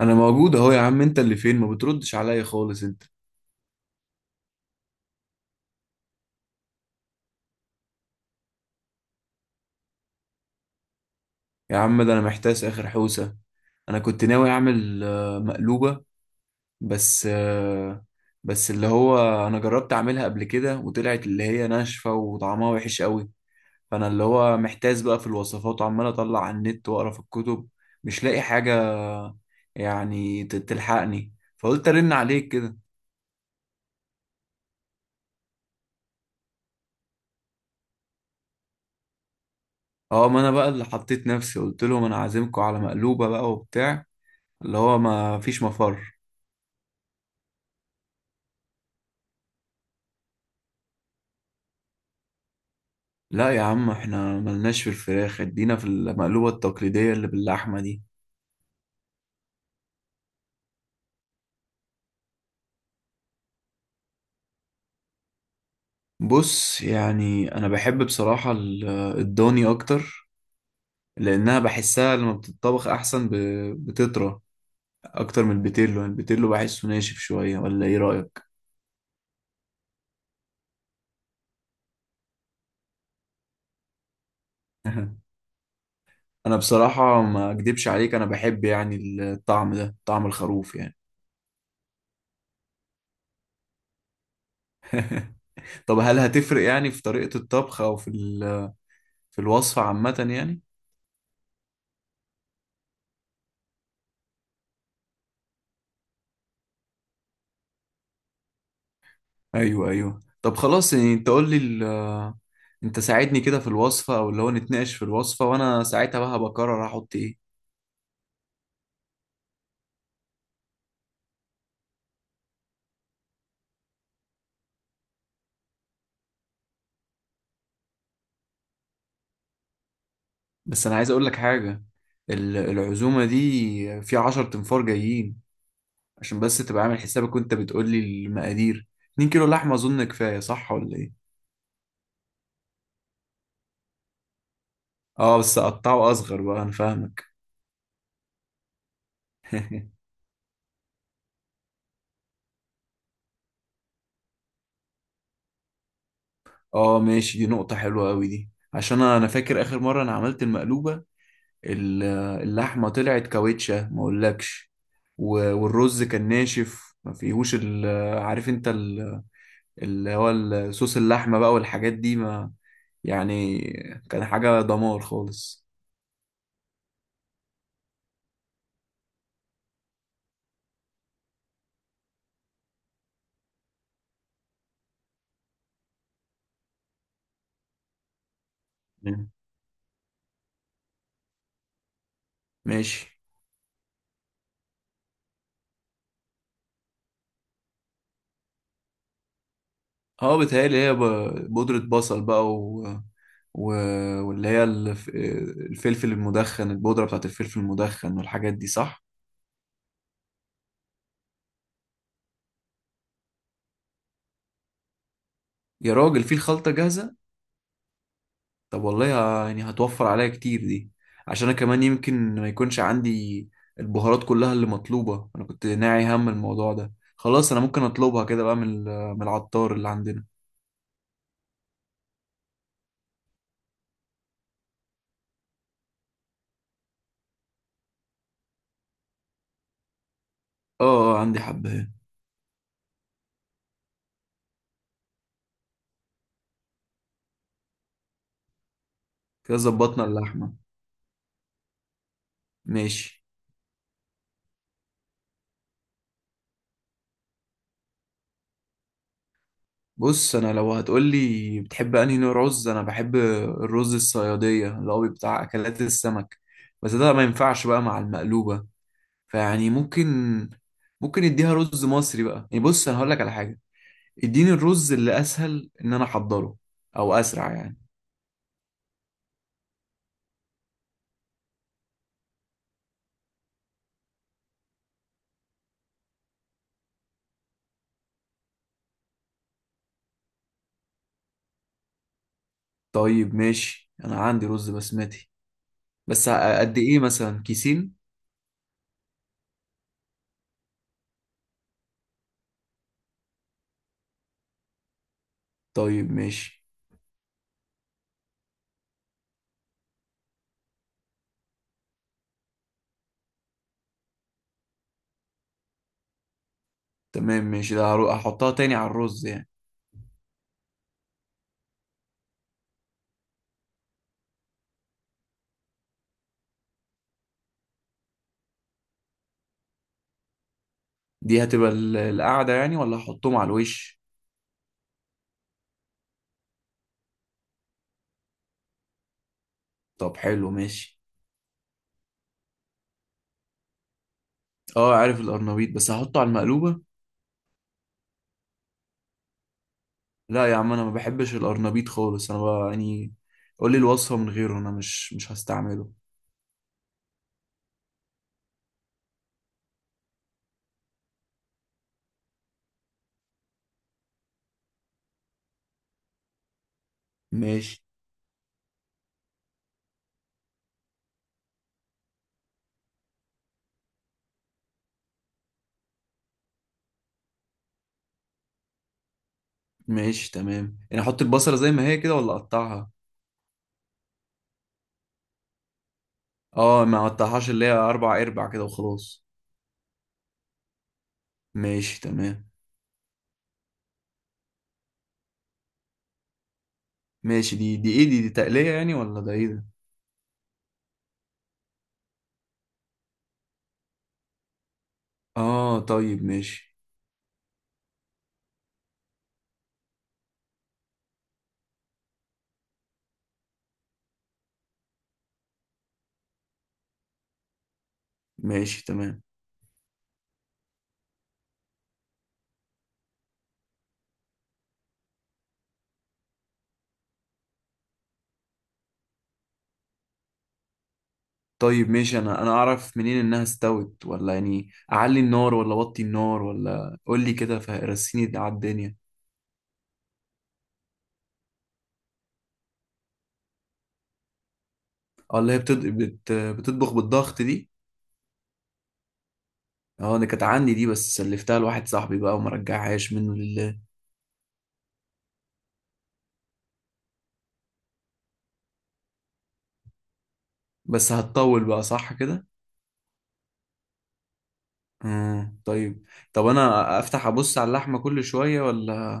انا موجود اهو يا عم، انت اللي فين؟ ما بتردش عليا خالص انت. يا عم، ده انا محتاس اخر حوسه. انا كنت ناوي اعمل مقلوبه. بس آه، بس اللي هو انا جربت اعملها قبل كده، وطلعت اللي هي ناشفه وطعمها وحش قوي. فانا اللي هو محتاس بقى في الوصفات، وعمال اطلع على النت واقرا في الكتب، مش لاقي حاجه. يعني تلحقني. فقلت ارن عليك كده. اه، ما انا بقى اللي حطيت نفسي، قلت لهم انا عازمكم على مقلوبه بقى وبتاع، اللي هو ما فيش مفر. لا يا عم، احنا ملناش في الفراخ، ادينا في المقلوبة التقليدية اللي باللحمة دي. بص، يعني انا بحب بصراحة الضاني اكتر. لانها بحسها لما بتطبخ احسن، بتطرى اكتر من البيتيلو. البيتيلو بحسه ناشف شوية، ولا ايه رأيك؟ انا بصراحة ما اكدبش عليك، انا بحب يعني الطعم ده، طعم الخروف يعني. طب هل هتفرق يعني في طريقة الطبخ او في في الوصفة عامة يعني؟ ايوه ايوه، طب خلاص، يعني انت قول لي انت ساعدني كده في الوصفه، او اللي هو نتناقش في الوصفه وانا ساعتها بقى هبقى اقرر احط ايه. بس انا عايز اقول لك حاجه، العزومه دي في 10 تنفار جايين. عشان بس تبقى عامل حسابك وانت بتقول لي المقادير. 2 كيلو لحمه اظن كفايه، صح ولا ايه؟ اه بس اقطعه اصغر بقى، انا فاهمك. اه ماشي، دي نقطه حلوه قوي دي. عشان انا فاكر اخر مره انا عملت المقلوبه. ال- اللحمة طلعت كاوتشة ما اقولكش. والرز كان ناشف، ما فيهوش عارف انت اللي هو صوص اللحمة بقى والحاجات دي، ما يعني كان حاجة دمار خالص. مم. ماشي. اه بتهيألي هي بودرة بصل بقى، و... واللي هي الفلفل المدخن، البودرة بتاعت الفلفل المدخن والحاجات دي صح؟ يا راجل، في الخلطة جاهزة؟ طب والله، يعني هتوفر عليا كتير دي. عشان انا كمان يمكن ما يكونش عندي البهارات كلها اللي مطلوبة، انا كنت ناعي هم الموضوع ده، خلاص انا ممكن اطلبها كده بقى من من العطار اللي عندنا. اه اه، عندي حبهان. كده ظبطنا اللحمة. ماشي. بص، انا لو هتقولي بتحب انهي نوع رز، انا بحب الرز الصيادية اللي هو بتاع اكلات السمك. بس ده ما ينفعش بقى مع المقلوبة. فيعني ممكن نديها رز مصري بقى، يعني بص انا هقول لك على حاجة. اديني الرز اللي اسهل ان انا احضره، او اسرع يعني. طيب ماشي، انا عندي رز بسمتي. بس قد ايه، مثلا كيسين؟ طيب ماشي. تمام ماشي، ده هحطها تاني على الرز يعني. دي هتبقى القعدة يعني، ولا هحطهم على الوش؟ طب حلو، ماشي. اه عارف القرنبيط، بس هحطه على المقلوبة. لا يا عم، انا ما بحبش القرنبيط خالص، انا بقى يعني قول لي الوصفة من غيره، انا مش هستعمله. ماشي. ماشي تمام، يعني احط البصلة زي ما هي كده ولا اقطعها؟ اه، ما قطعهاش، اللي هي اربع ارباع كده وخلاص. ماشي تمام. ماشي، دي ايه؟ دي تقلية يعني، ولا ده ايه ده؟ اه طيب ماشي. ماشي تمام. طيب ماشي، انا اعرف منين انها استوت؟ ولا يعني اعلي النار ولا اوطي النار؟ ولا قول لي كده، فرسيني على الدنيا. اه، اللي هي بتطبخ بالضغط دي. اه انا كانت عندي دي، بس سلفتها لواحد صاحبي بقى وما رجعهاش منه لله. بس هتطول بقى، صح كده؟ طيب. طب انا افتح ابص على اللحمه كل شويه، ولا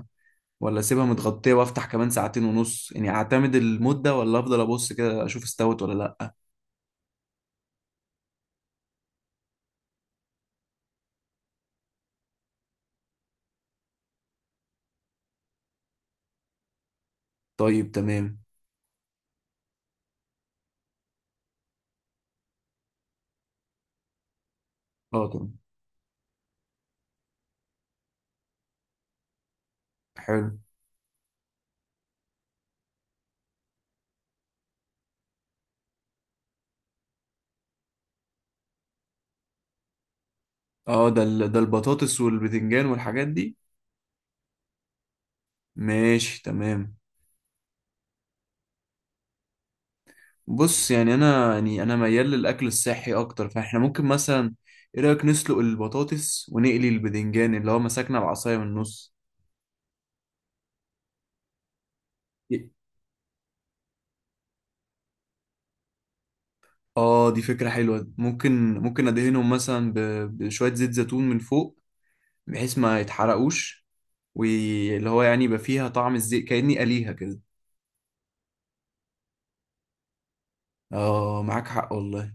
ولا اسيبها متغطيه وافتح كمان 2 ساعة ونص، يعني اعتمد المده، ولا افضل ابص كده اشوف استوت ولا لا؟ طيب تمام. اه طب حلو. اه، ده ده البطاطس والبتنجان والحاجات دي. ماشي تمام. بص، يعني انا ميال للاكل الصحي اكتر، فاحنا ممكن مثلا، ايه رايك نسلق البطاطس ونقلي البتنجان اللي هو مسكنا العصايه من النص؟ ي- اه، دي فكره حلوه، ممكن ادهنهم مثلا بشويه زيت زيتون من فوق، بحيث ما يتحرقوش. واللي هو يعني يبقى فيها طعم الزيت كأني قليها كده. اه معاك حق والله.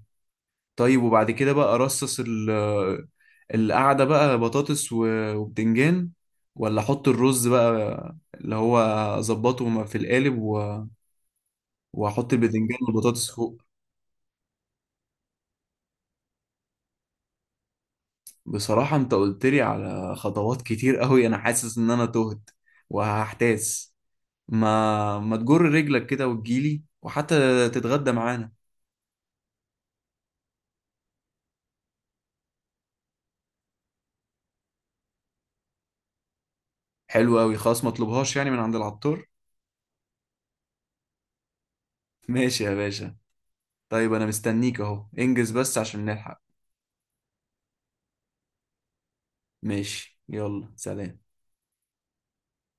طيب، وبعد كده بقى رصص القعدة بقى، بطاطس وبتنجان؟ ولا احط الرز بقى اللي هو اظبطه في القالب، واحط البتنجان والبطاطس فوق؟ بصراحة انت قلت لي على خطوات كتير قوي، انا حاسس ان انا تهت وهحتاس. ما تجر رجلك كده وتجيلي، وحتى تتغدى معانا. حلو قوي خلاص، ما اطلبهاش يعني من عند العطار. ماشي يا باشا. طيب، انا مستنيك اهو، انجز بس عشان نلحق. ماشي، يلا سلام.